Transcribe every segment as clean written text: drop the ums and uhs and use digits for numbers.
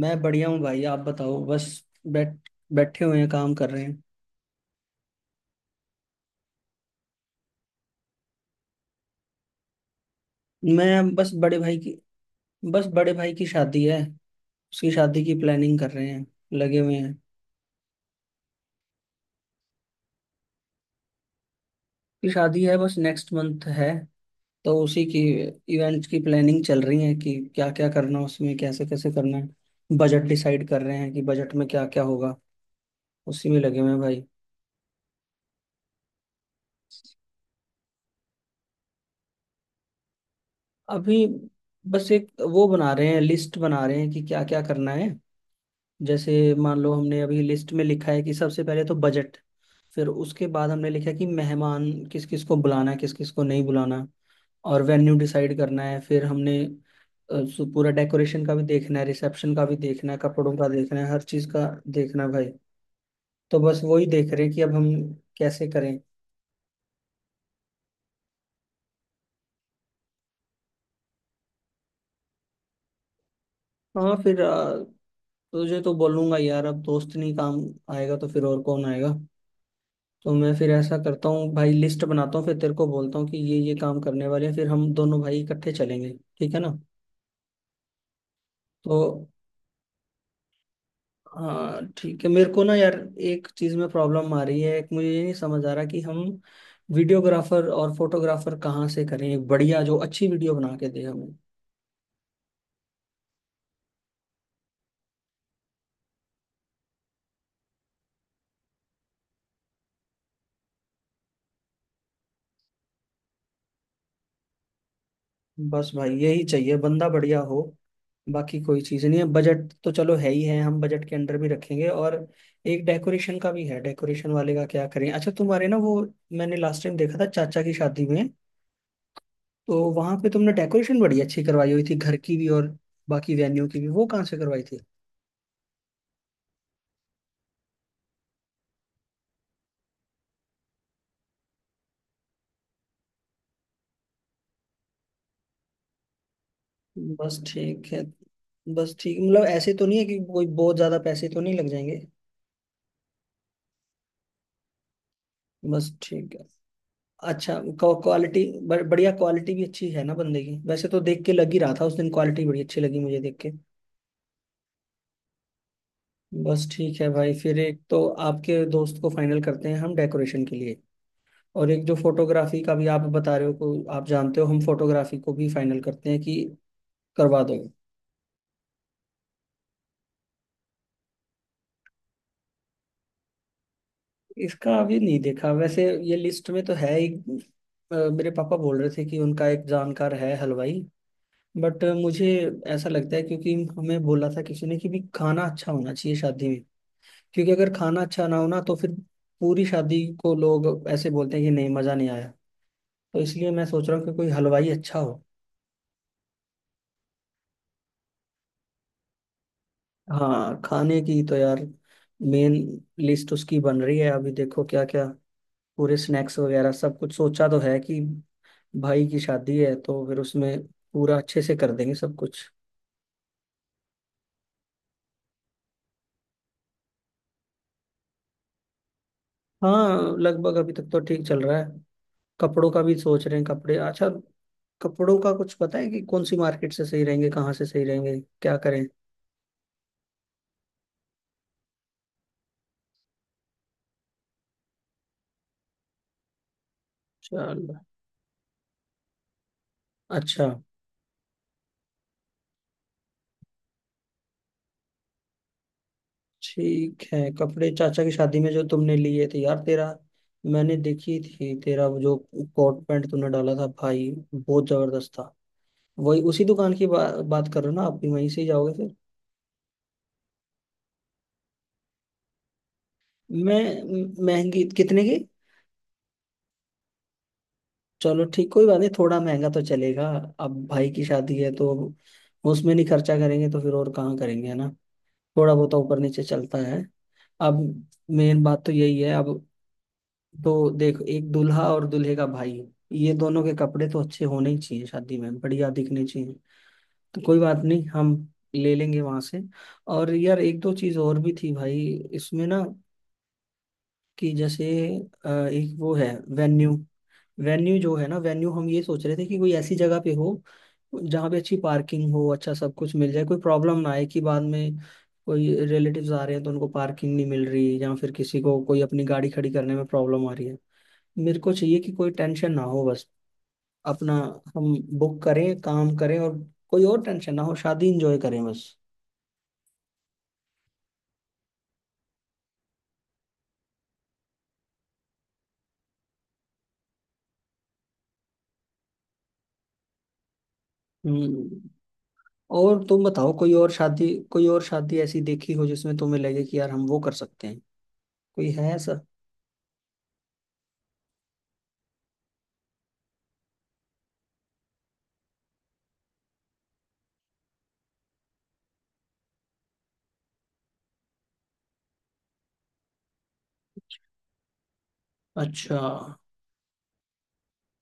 मैं बढ़िया हूँ भाई। आप बताओ। बस बैठ बैठे हुए हैं, काम कर रहे हैं। मैं बस बड़े भाई की बस बड़े भाई की शादी है। उसकी शादी की प्लानिंग कर रहे हैं, लगे हुए हैं। की शादी है, बस नेक्स्ट मंथ है। तो उसी की इवेंट्स की प्लानिंग चल रही है कि क्या क्या करना, उसमें कैसे कैसे करना है। बजट डिसाइड कर रहे हैं कि बजट में क्या क्या होगा। उसी में लगे हुए हैं भाई। अभी बस एक वो बना रहे हैं, लिस्ट बना रहे हैं कि क्या क्या करना है। जैसे मान लो, हमने अभी लिस्ट में लिखा है कि सबसे पहले तो बजट। फिर उसके बाद हमने लिखा कि मेहमान, किस किस को बुलाना है, किस किस को नहीं बुलाना। और वेन्यू डिसाइड करना है। फिर हमने पूरा डेकोरेशन का भी देखना है, रिसेप्शन का भी देखना है, कपड़ों का देखना है, हर चीज़ का देखना है भाई। तो बस वही देख रहे हैं कि अब हम कैसे करें। हाँ, तुझे तो बोलूंगा यार। अब दोस्त नहीं काम आएगा तो फिर और कौन आएगा। तो मैं फिर ऐसा करता हूँ भाई, लिस्ट बनाता हूँ, फिर तेरे को बोलता हूँ कि ये काम करने वाले हैं, फिर हम दोनों भाई इकट्ठे चलेंगे। ठीक है ना। तो हाँ ठीक है। मेरे को ना यार एक चीज में प्रॉब्लम आ रही है। एक मुझे ये नहीं समझ आ रहा कि हम वीडियोग्राफर और फोटोग्राफर कहाँ से करें, एक बढ़िया जो अच्छी वीडियो बना के दे हमें। बस भाई यही चाहिए, बंदा बढ़िया हो। बाकी कोई चीज़ नहीं है। बजट तो चलो है ही है, हम बजट के अंडर भी रखेंगे। और एक डेकोरेशन का भी है, डेकोरेशन वाले का क्या करें। अच्छा, तुम्हारे ना वो मैंने लास्ट टाइम देखा था चाचा की शादी में, तो वहां पे तुमने डेकोरेशन बड़ी अच्छी करवाई हुई थी, घर की भी और बाकी वेन्यू की भी। वो कहाँ से करवाई थी? बस ठीक है। बस ठीक मतलब, ऐसे तो नहीं है कि कोई बहुत ज्यादा पैसे तो नहीं लग जाएंगे? बस ठीक है। अच्छा। क्वालिटी बढ़िया, क्वालिटी भी अच्छी है ना बंदे की। वैसे तो देख के लग ही रहा था उस दिन, क्वालिटी बड़ी अच्छी लगी मुझे देख के। बस ठीक है भाई, फिर एक तो आपके दोस्त को फाइनल करते हैं हम डेकोरेशन के लिए। और एक जो फोटोग्राफी का भी आप बता रहे हो, को आप जानते हो, हम फोटोग्राफी को भी फाइनल करते हैं कि करवा दो। इसका अभी नहीं देखा। वैसे ये लिस्ट में तो है ही। मेरे पापा बोल रहे थे कि उनका एक जानकार है हलवाई, बट मुझे ऐसा लगता है, क्योंकि हमें बोला था किसी ने कि भी खाना अच्छा होना चाहिए शादी में। क्योंकि अगर खाना अच्छा ना हो ना, तो फिर पूरी शादी को लोग ऐसे बोलते हैं कि नहीं, मजा नहीं आया। तो इसलिए मैं सोच रहा हूँ कि कोई हलवाई अच्छा हो। हाँ, खाने की तो यार मेन लिस्ट उसकी बन रही है अभी। देखो क्या क्या, पूरे स्नैक्स वगैरह सब कुछ सोचा तो है कि भाई की शादी है, तो फिर उसमें पूरा अच्छे से कर देंगे सब कुछ। हाँ, लगभग अभी तक तो ठीक चल रहा है। कपड़ों का भी सोच रहे हैं, कपड़े अच्छा। कपड़ों का कुछ पता है कि कौन सी मार्केट से सही रहेंगे, कहाँ से सही रहेंगे, क्या करें? चलो, अच्छा। ठीक है, कपड़े चाचा की शादी में जो तुमने लिए थे यार, तेरा मैंने देखी थी, तेरा वो जो कोट पैंट तूने डाला था भाई, बहुत जबरदस्त था। वही उसी दुकान की बात कर रहे हो ना? आप भी वहीं से ही जाओगे फिर? मैं महंगी कितने की? चलो ठीक, कोई बात नहीं, थोड़ा महंगा तो चलेगा। अब भाई की शादी है, तो उसमें नहीं खर्चा करेंगे तो फिर और कहाँ करेंगे, है ना। थोड़ा बहुत तो ऊपर नीचे चलता है। अब मेन बात तो यही है अब। तो देख, एक दूल्हा और दूल्हे का भाई, ये दोनों के कपड़े तो अच्छे होने ही चाहिए, शादी में बढ़िया दिखने चाहिए। तो कोई बात नहीं, हम ले लेंगे वहां से। और यार, एक दो चीज और भी थी भाई इसमें ना, कि जैसे एक वो है वेन्यू। वेन्यू जो है ना, वेन्यू हम ये सोच रहे थे कि कोई ऐसी जगह पे हो जहाँ पे अच्छी पार्किंग हो, अच्छा सब कुछ मिल जाए, कोई प्रॉब्लम ना आए कि बाद में कोई रिलेटिव्स आ रहे हैं तो उनको पार्किंग नहीं मिल रही, या फिर किसी को कोई अपनी गाड़ी खड़ी करने में प्रॉब्लम आ रही है। मेरे को चाहिए कि कोई टेंशन ना हो बस। अपना हम बुक करें, काम करें और कोई और टेंशन ना हो, शादी इंजॉय करें बस। हम्म। और तुम बताओ, कोई और शादी, कोई और शादी ऐसी देखी हो जिसमें तुम्हें लगे कि यार हम वो कर सकते हैं? कोई है ऐसा? अच्छा,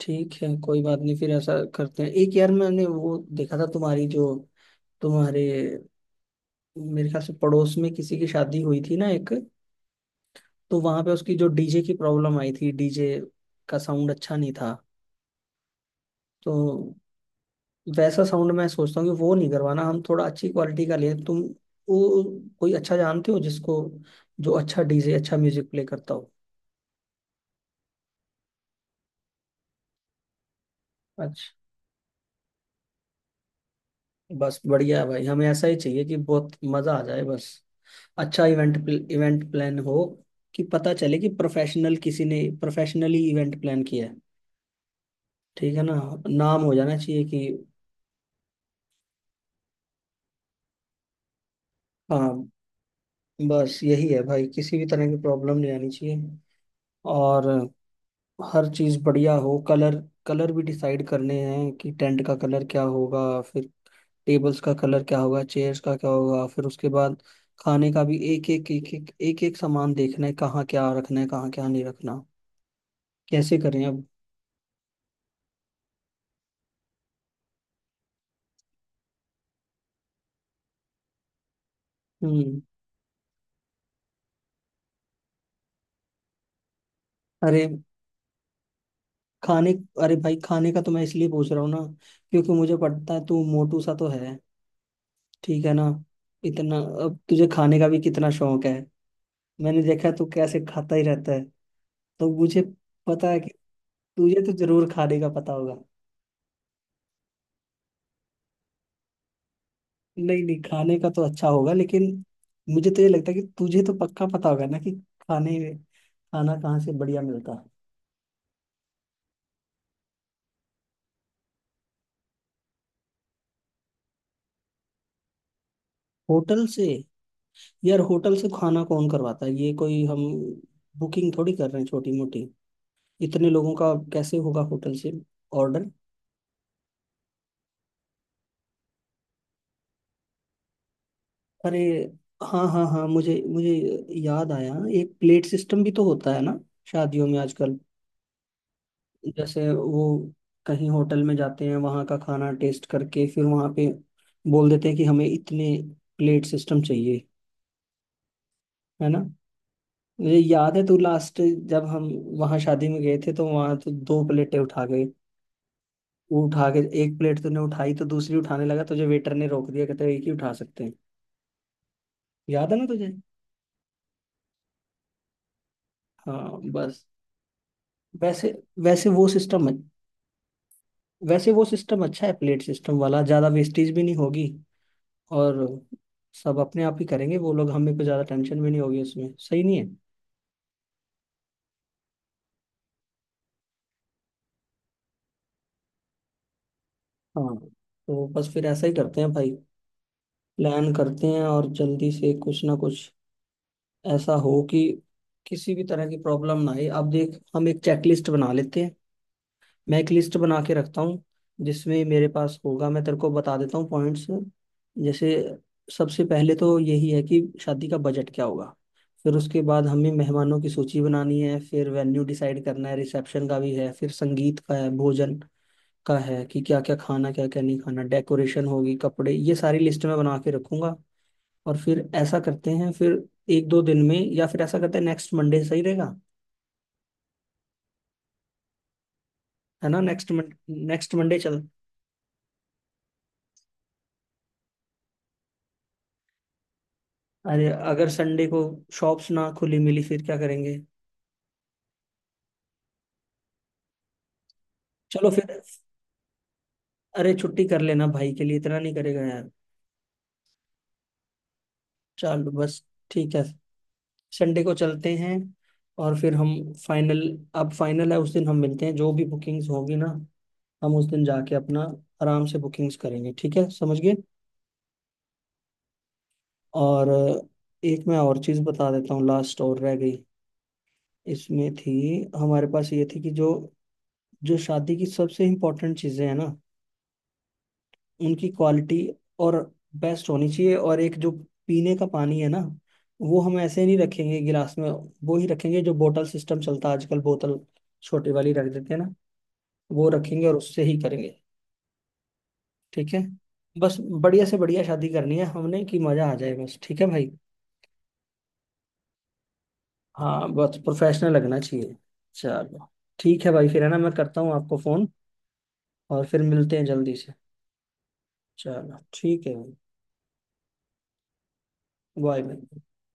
ठीक है, कोई बात नहीं, फिर ऐसा करते हैं। एक यार मैंने वो देखा था, तुम्हारी जो तुम्हारे मेरे ख्याल से पड़ोस में किसी की शादी हुई थी ना एक, तो वहां पे उसकी जो डीजे की प्रॉब्लम आई थी, डीजे का साउंड अच्छा नहीं था। तो वैसा साउंड मैं सोचता हूँ कि वो नहीं करवाना, हम थोड़ा अच्छी क्वालिटी का लें। तुम वो कोई अच्छा जानते हो जिसको, जो अच्छा डीजे, अच्छा म्यूजिक प्ले करता हो? अच्छा। बस बढ़िया है भाई, हमें ऐसा ही चाहिए कि बहुत मजा आ जाए बस। अच्छा इवेंट, इवेंट प्लान हो कि पता चले कि प्रोफेशनल, किसी ने प्रोफेशनली इवेंट प्लान किया है। ठीक है ना। नाम हो जाना चाहिए कि। हाँ, बस यही है भाई, किसी भी तरह की प्रॉब्लम नहीं आनी चाहिए। और हर चीज़ बढ़िया हो, कलर। कलर भी डिसाइड करने हैं कि टेंट का कलर क्या होगा, फिर टेबल्स का कलर क्या होगा, चेयर्स का क्या होगा। फिर उसके बाद खाने का भी एक एक एक एक एक एक सामान देखना है, कहाँ क्या रखना है, कहाँ क्या नहीं रखना। कैसे करें अब? हम्म। अरे खाने, अरे भाई खाने का तो मैं इसलिए पूछ रहा हूँ ना क्योंकि मुझे पता है तू मोटू सा तो है, ठीक है ना। इतना, अब तुझे खाने का भी कितना शौक है। मैंने देखा है तू कैसे खाता ही रहता है। तो मुझे पता है कि तुझे तो जरूर खाने का पता होगा। नहीं नहीं, खाने का तो अच्छा होगा, लेकिन मुझे तो ये लगता है कि तुझे तो पक्का पता होगा ना कि खाने, खाना कहाँ से बढ़िया मिलता है। होटल से? यार होटल से खाना कौन करवाता है, ये कोई हम बुकिंग थोड़ी कर रहे हैं छोटी मोटी। इतने लोगों का कैसे होगा होटल से ऑर्डर? अरे हाँ हाँ हाँ, मुझे मुझे याद आया, एक प्लेट सिस्टम भी तो होता है ना शादियों में आजकल। जैसे वो कहीं होटल में जाते हैं, वहाँ का खाना टेस्ट करके, फिर वहाँ पे बोल देते हैं कि हमें इतने प्लेट सिस्टम चाहिए, है ना। मुझे याद है तू, लास्ट जब हम वहाँ शादी में गए थे तो वहाँ तो दो प्लेटें उठा गए। वो उठा के एक प्लेट तूने उठाई, तो दूसरी उठाने लगा तुझे वेटर ने रोक दिया, कहते एक ही उठा सकते हैं। याद है ना तुझे? हाँ बस। वैसे वैसे वो सिस्टम है, वैसे वो सिस्टम अच्छा है, प्लेट सिस्टम वाला। ज्यादा वेस्टेज भी नहीं होगी, और सब अपने आप ही करेंगे वो लोग, हमें को ज्यादा टेंशन भी नहीं होगी उसमें, सही नहीं है? हाँ। तो बस फिर ऐसा ही करते हैं भाई, प्लान करते हैं और जल्दी से कुछ ना कुछ ऐसा हो कि किसी भी तरह की प्रॉब्लम ना आए। अब देख, हम एक चेकलिस्ट बना लेते हैं। मैं एक लिस्ट बना के रखता हूँ जिसमें मेरे पास होगा, मैं तेरे को बता देता हूँ पॉइंट्स। जैसे सबसे पहले तो यही है कि शादी का बजट क्या होगा। फिर उसके बाद हमें मेहमानों की सूची बनानी है, फिर वेन्यू डिसाइड करना है, रिसेप्शन का भी है, फिर संगीत का है, भोजन का है कि क्या क्या खाना, क्या क्या नहीं खाना, डेकोरेशन होगी, कपड़े, ये सारी लिस्ट मैं बना के रखूंगा। और फिर ऐसा करते हैं, फिर एक दो दिन में, या फिर ऐसा करते हैं नेक्स्ट मंडे सही रहेगा, है ना। नेक्स्ट मंडे, नेक्स्ट मंडे चल। अरे अगर संडे को शॉप्स ना खुली मिली फिर क्या करेंगे? चलो फिर। अरे छुट्टी कर लेना, भाई के लिए इतना नहीं करेगा यार। चलो बस, ठीक है। संडे को चलते हैं और फिर हम फाइनल, अब फाइनल है उस दिन हम मिलते हैं, जो भी बुकिंग्स होगी ना, हम उस दिन जाके अपना आराम से बुकिंग्स करेंगे। ठीक है, समझ गए। और एक मैं और चीज़ बता देता हूँ, लास्ट और रह गई इसमें थी। हमारे पास ये थी कि जो जो शादी की सबसे इम्पोर्टेंट चीज़ें हैं ना, उनकी क्वालिटी और बेस्ट होनी चाहिए। और एक जो पीने का पानी है ना, वो हम ऐसे नहीं रखेंगे गिलास में, वो ही रखेंगे जो बोतल सिस्टम चलता है आजकल, बोतल छोटी वाली रख देते हैं ना, वो रखेंगे और उससे ही करेंगे। ठीक है। बस बढ़िया से बढ़िया शादी करनी है हमने कि मजा आ जाए बस। ठीक है भाई। हाँ बस प्रोफेशनल लगना चाहिए। चलो, ठीक है भाई। फिर है ना, मैं करता हूँ आपको फोन और फिर मिलते हैं जल्दी से। चलो ठीक है भाई। Bye bye.